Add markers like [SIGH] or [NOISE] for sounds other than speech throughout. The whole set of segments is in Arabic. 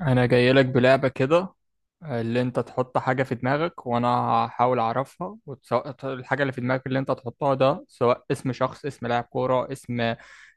انا جاي لك بلعبة كده. اللي انت تحط حاجة في دماغك وانا هحاول اعرفها، وسواء الحاجة اللي في دماغك اللي انت تحطها ده سواء اسم شخص، اسم لاعب كورة، اسم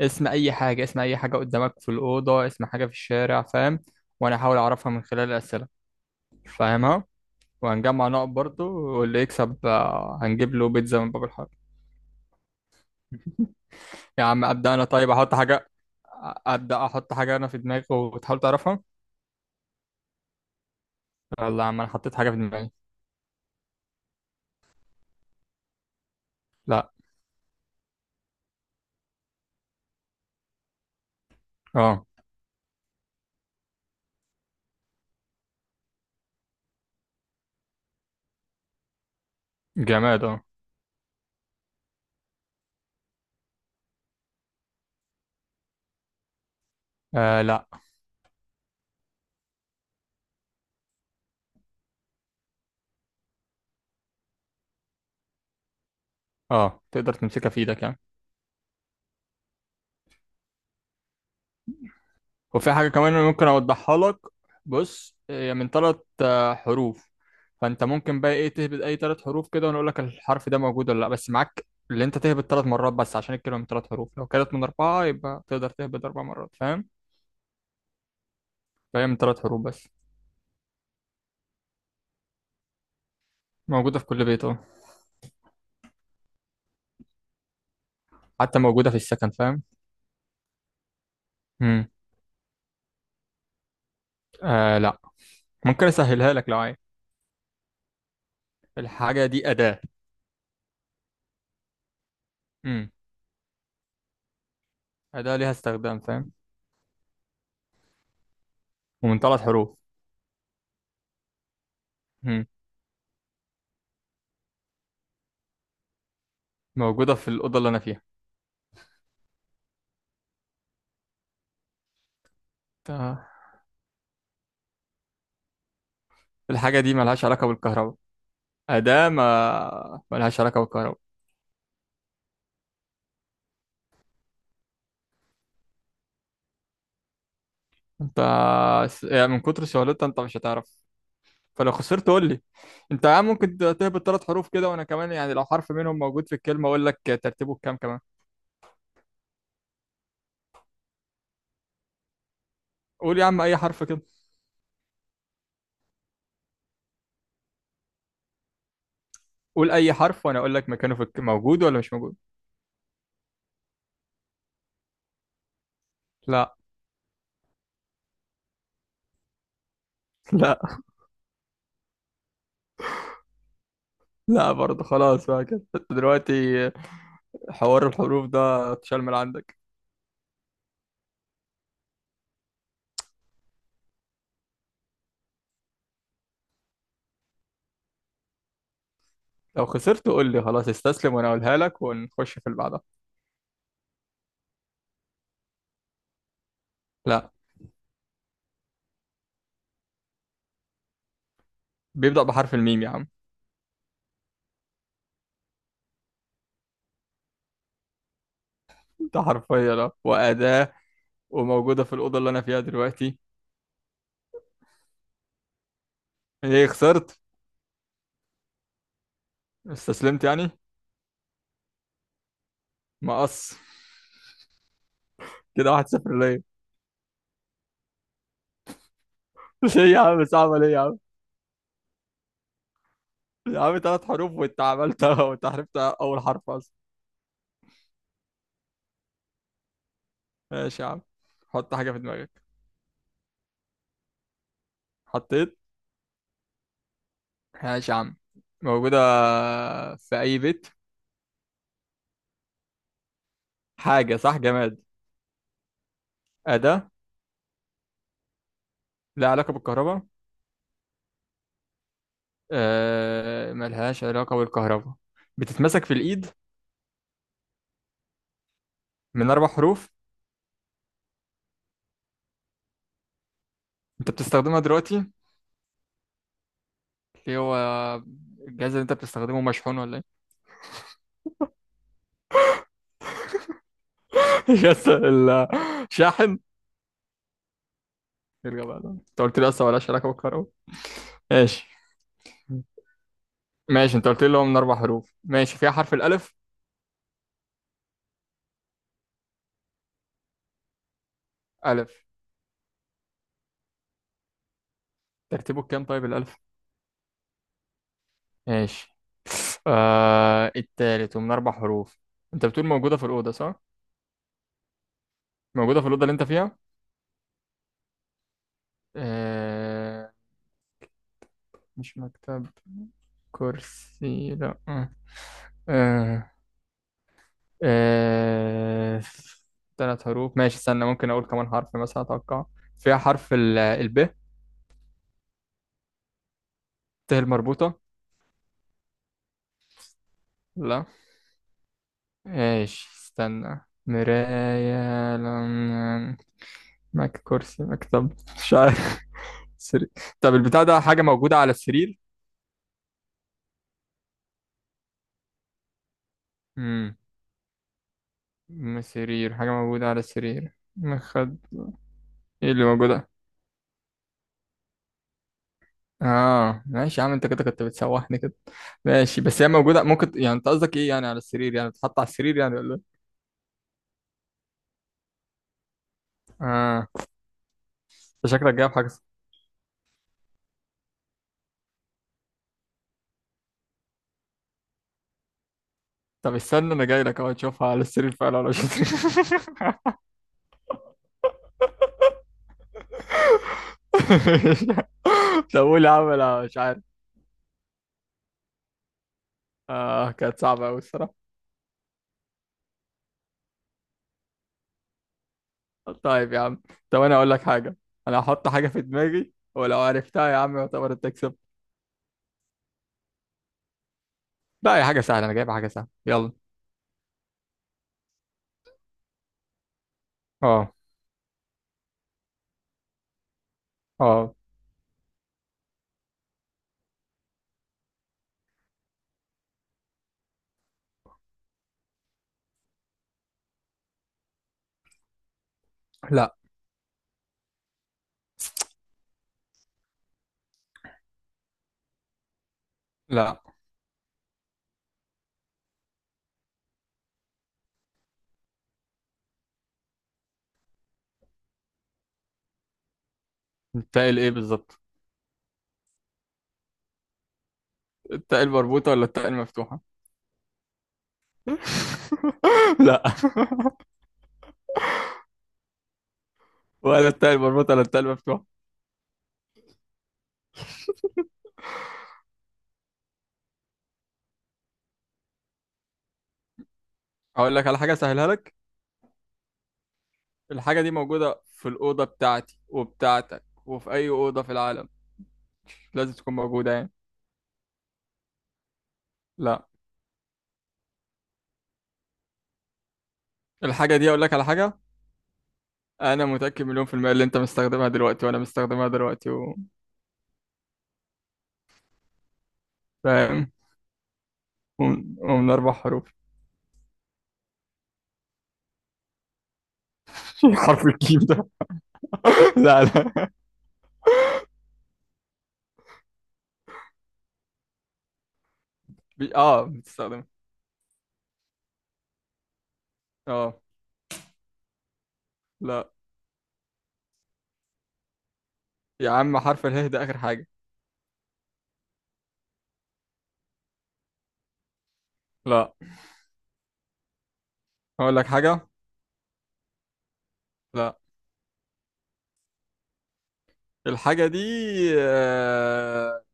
اسم اي حاجة، اسم اي حاجة قدامك في الأوضة، اسم حاجة في الشارع، فاهم؟ وانا هحاول اعرفها من خلال الأسئلة، فاهمها؟ وهنجمع نقط برضو، واللي يكسب هنجيب له بيتزا من باب الحاره. يا عم ابدأ. انا طيب احط حاجة. ابدأ، احط حاجة انا في دماغي وتحاول تعرفها. يلا يا عم، انا حطيت حاجة في دماغي. لا. اه، جماد اه. آه لا. اه، تقدر تمسكها في ايدك يعني. وفي حاجة كمان أنا ممكن اوضحها لك. بص، هي من ثلاث حروف، فانت ممكن بقى ايه تهبط اي ثلاث حروف كده ونقول لك الحرف ده موجود ولا لا، بس معاك اللي انت تهبط ثلاث مرات بس عشان الكلمة من ثلاث حروف، لو كانت من اربعة يبقى تقدر تهبط اربع مرات، فاهم؟ فهي من ثلاث حروف بس. موجودة في كل بيت اه، حتى موجودة في السكن، فاهم؟ امم آه لا. ممكن اسهلها لك لو عايز. الحاجة دي أداة. امم أداة ليها استخدام، فاهم؟ ومن ثلاث حروف. امم موجودة في الأوضة اللي أنا فيها. انت الحاجة دي ملهاش علاقة بالكهرباء، أداة ما ملهاش علاقة بالكهرباء. انت يعني من كتر سهولتها انت مش هتعرف. فلو خسرت قول لي. انت يا عم ممكن تهبط ثلاث حروف كده، وانا كمان يعني لو حرف منهم موجود في الكلمة اقول لك ترتيبه بكام كمان. قول يا عم اي حرف كده. قول اي حرف وانا اقول لك مكانه في موجود ولا مش موجود. لا لا. لا برضه. خلاص بقى كده انت دلوقتي حوار الحروف ده اتشال من عندك. لو خسرت قول لي خلاص استسلم وانا اقولها لك ونخش في اللي بعدها. لا، بيبدأ بحرف الميم يا عم. [LAUGHS] ده حرفيا اه، وأداة، وموجودة في الأوضة اللي أنا فيها دلوقتي. إيه، خسرت؟ استسلمت يعني؟ مقص. كده 1-0 ليا. [LAUGHS] ليه يا عم، صعبة ليه يا عم؟ يا عم تلات حروف وأنت عملتها، [LAUGHS] وأنت عرفت أول حرف أصلا. ماشي يا عم. حط حاجة في دماغك. حطيت؟ ماشي يا عم. موجودة في أي بيت. حاجة صح، جماد. أداة. لها علاقة بالكهرباء. آه، ملهاش علاقة بالكهرباء. بتتمسك في الإيد. من أربع حروف. أنت بتستخدمها دلوقتي. ليه هو الجهاز اللي انت بتستخدمه مشحون ولا ايه؟ [LAUGHS] يس. الشاحن. يرجع بقى، انت قلت لي اصلا ولا علاقه بالكهرباء. ماشي. ماشي، انت قلت لي هو من اربع حروف، ماشي، فيها حرف الالف. الف. ترتيبه كام طيب الالف؟ ماشي. آه التالت ومن اربع حروف. انت بتقول موجوده في الاوضه صح؟ موجوده في الاوضه اللي انت فيها. آه. مش مكتب. كرسي لا. آه. آه. آه... ثلاث حروف. ماشي استنى، ممكن اقول كمان حرف مثلا اتوقع. فيها حرف ال الب. ت المربوطة. لا. ماشي استنى. مراية لم... كرسي مكتب مش عارف. سرير. طب البتاع ده حاجة موجودة على السرير. امم سرير، حاجة موجودة على السرير، مخد. ايه اللي موجودة؟ اه ماشي يا عم، انت كده كنت بتسوحني كده. ماشي بس هي موجودة، ممكن يعني انت قصدك ايه يعني على السرير، يعني بتتحط على السرير يعني ولا إيه؟ اه انت شكلك جايب حاجة. طب استنى، انا جاي لك اهو، تشوفها على السرير فعلا ولا مش على السرير؟ [LAUGHS] طب قول يا عم، انا مش عارف. اه كانت صعبة أوي الصراحة. طيب يا عم. طب أنا أقول لك حاجة. أنا هحط حاجة في دماغي ولو عرفتها يا عم يعتبر أنت كسبت. لا، هي حاجة سهلة، أنا جايب حاجة سهلة، يلا. اه. اه. لا. لا، التاء الإيه بالظبط؟ التاء المربوطة ولا التاء المفتوحة؟ [LAUGHS] لا ولا التاء المربوطة ولا التاء المفتوحة. أقول لك على حاجة سهلها لك. الحاجة دي موجودة في الأوضة بتاعتي وبتاعتك وفي أي أوضة في العالم، لازم تكون موجودة يعني. لا. الحاجة دي أقول لك على حاجة، أنا متأكد مليون في المية اللي أنت مستخدمها دلوقتي وأنا مستخدمها دلوقتي و... فاهم؟ ومن أربع حروف. [LAUGHS] حرف الجيم ده؟ [LAUGHS] لا لا. آه بتستخدمها. آه. لا. يا عم حرف اله ده آخر حاجة. لا. أقول لك حاجة. لا. الحاجة دي آه،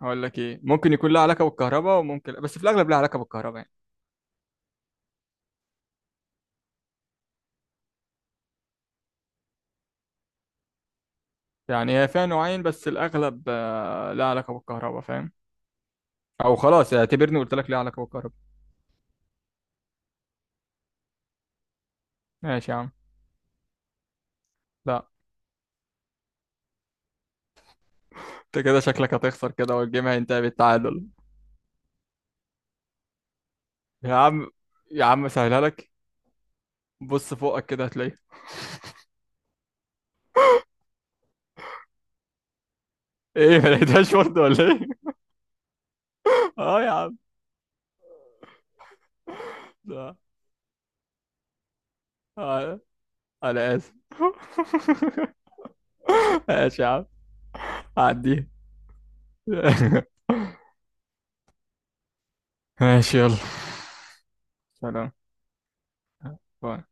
هقول لك إيه، ممكن يكون لها علاقة بالكهرباء وممكن، بس في الأغلب لها علاقة بالكهرباء يعني. يعني هي فيها نوعين بس الأغلب لها علاقة بالكهرباء، فاهم؟ أو خلاص يعني اعتبرني قلت لك ليها علاقة بالكهرباء. ماشي يا عم. لا. أنت كده شكلك هتخسر كده، والجيم هينتهي بالتعادل. يا عم. يا عم سهلها لك. بص فوقك كده هتلاقيها. [LAUGHS] إيه، ما لقيتهاش برضه ولا إيه؟ [LAUGHS] أه يا عم. لا. آه، أنا آسف. [LAUGHS] ماشي يا عم. عديها. [LAUGHS] ماشي يلا. سلام. باي.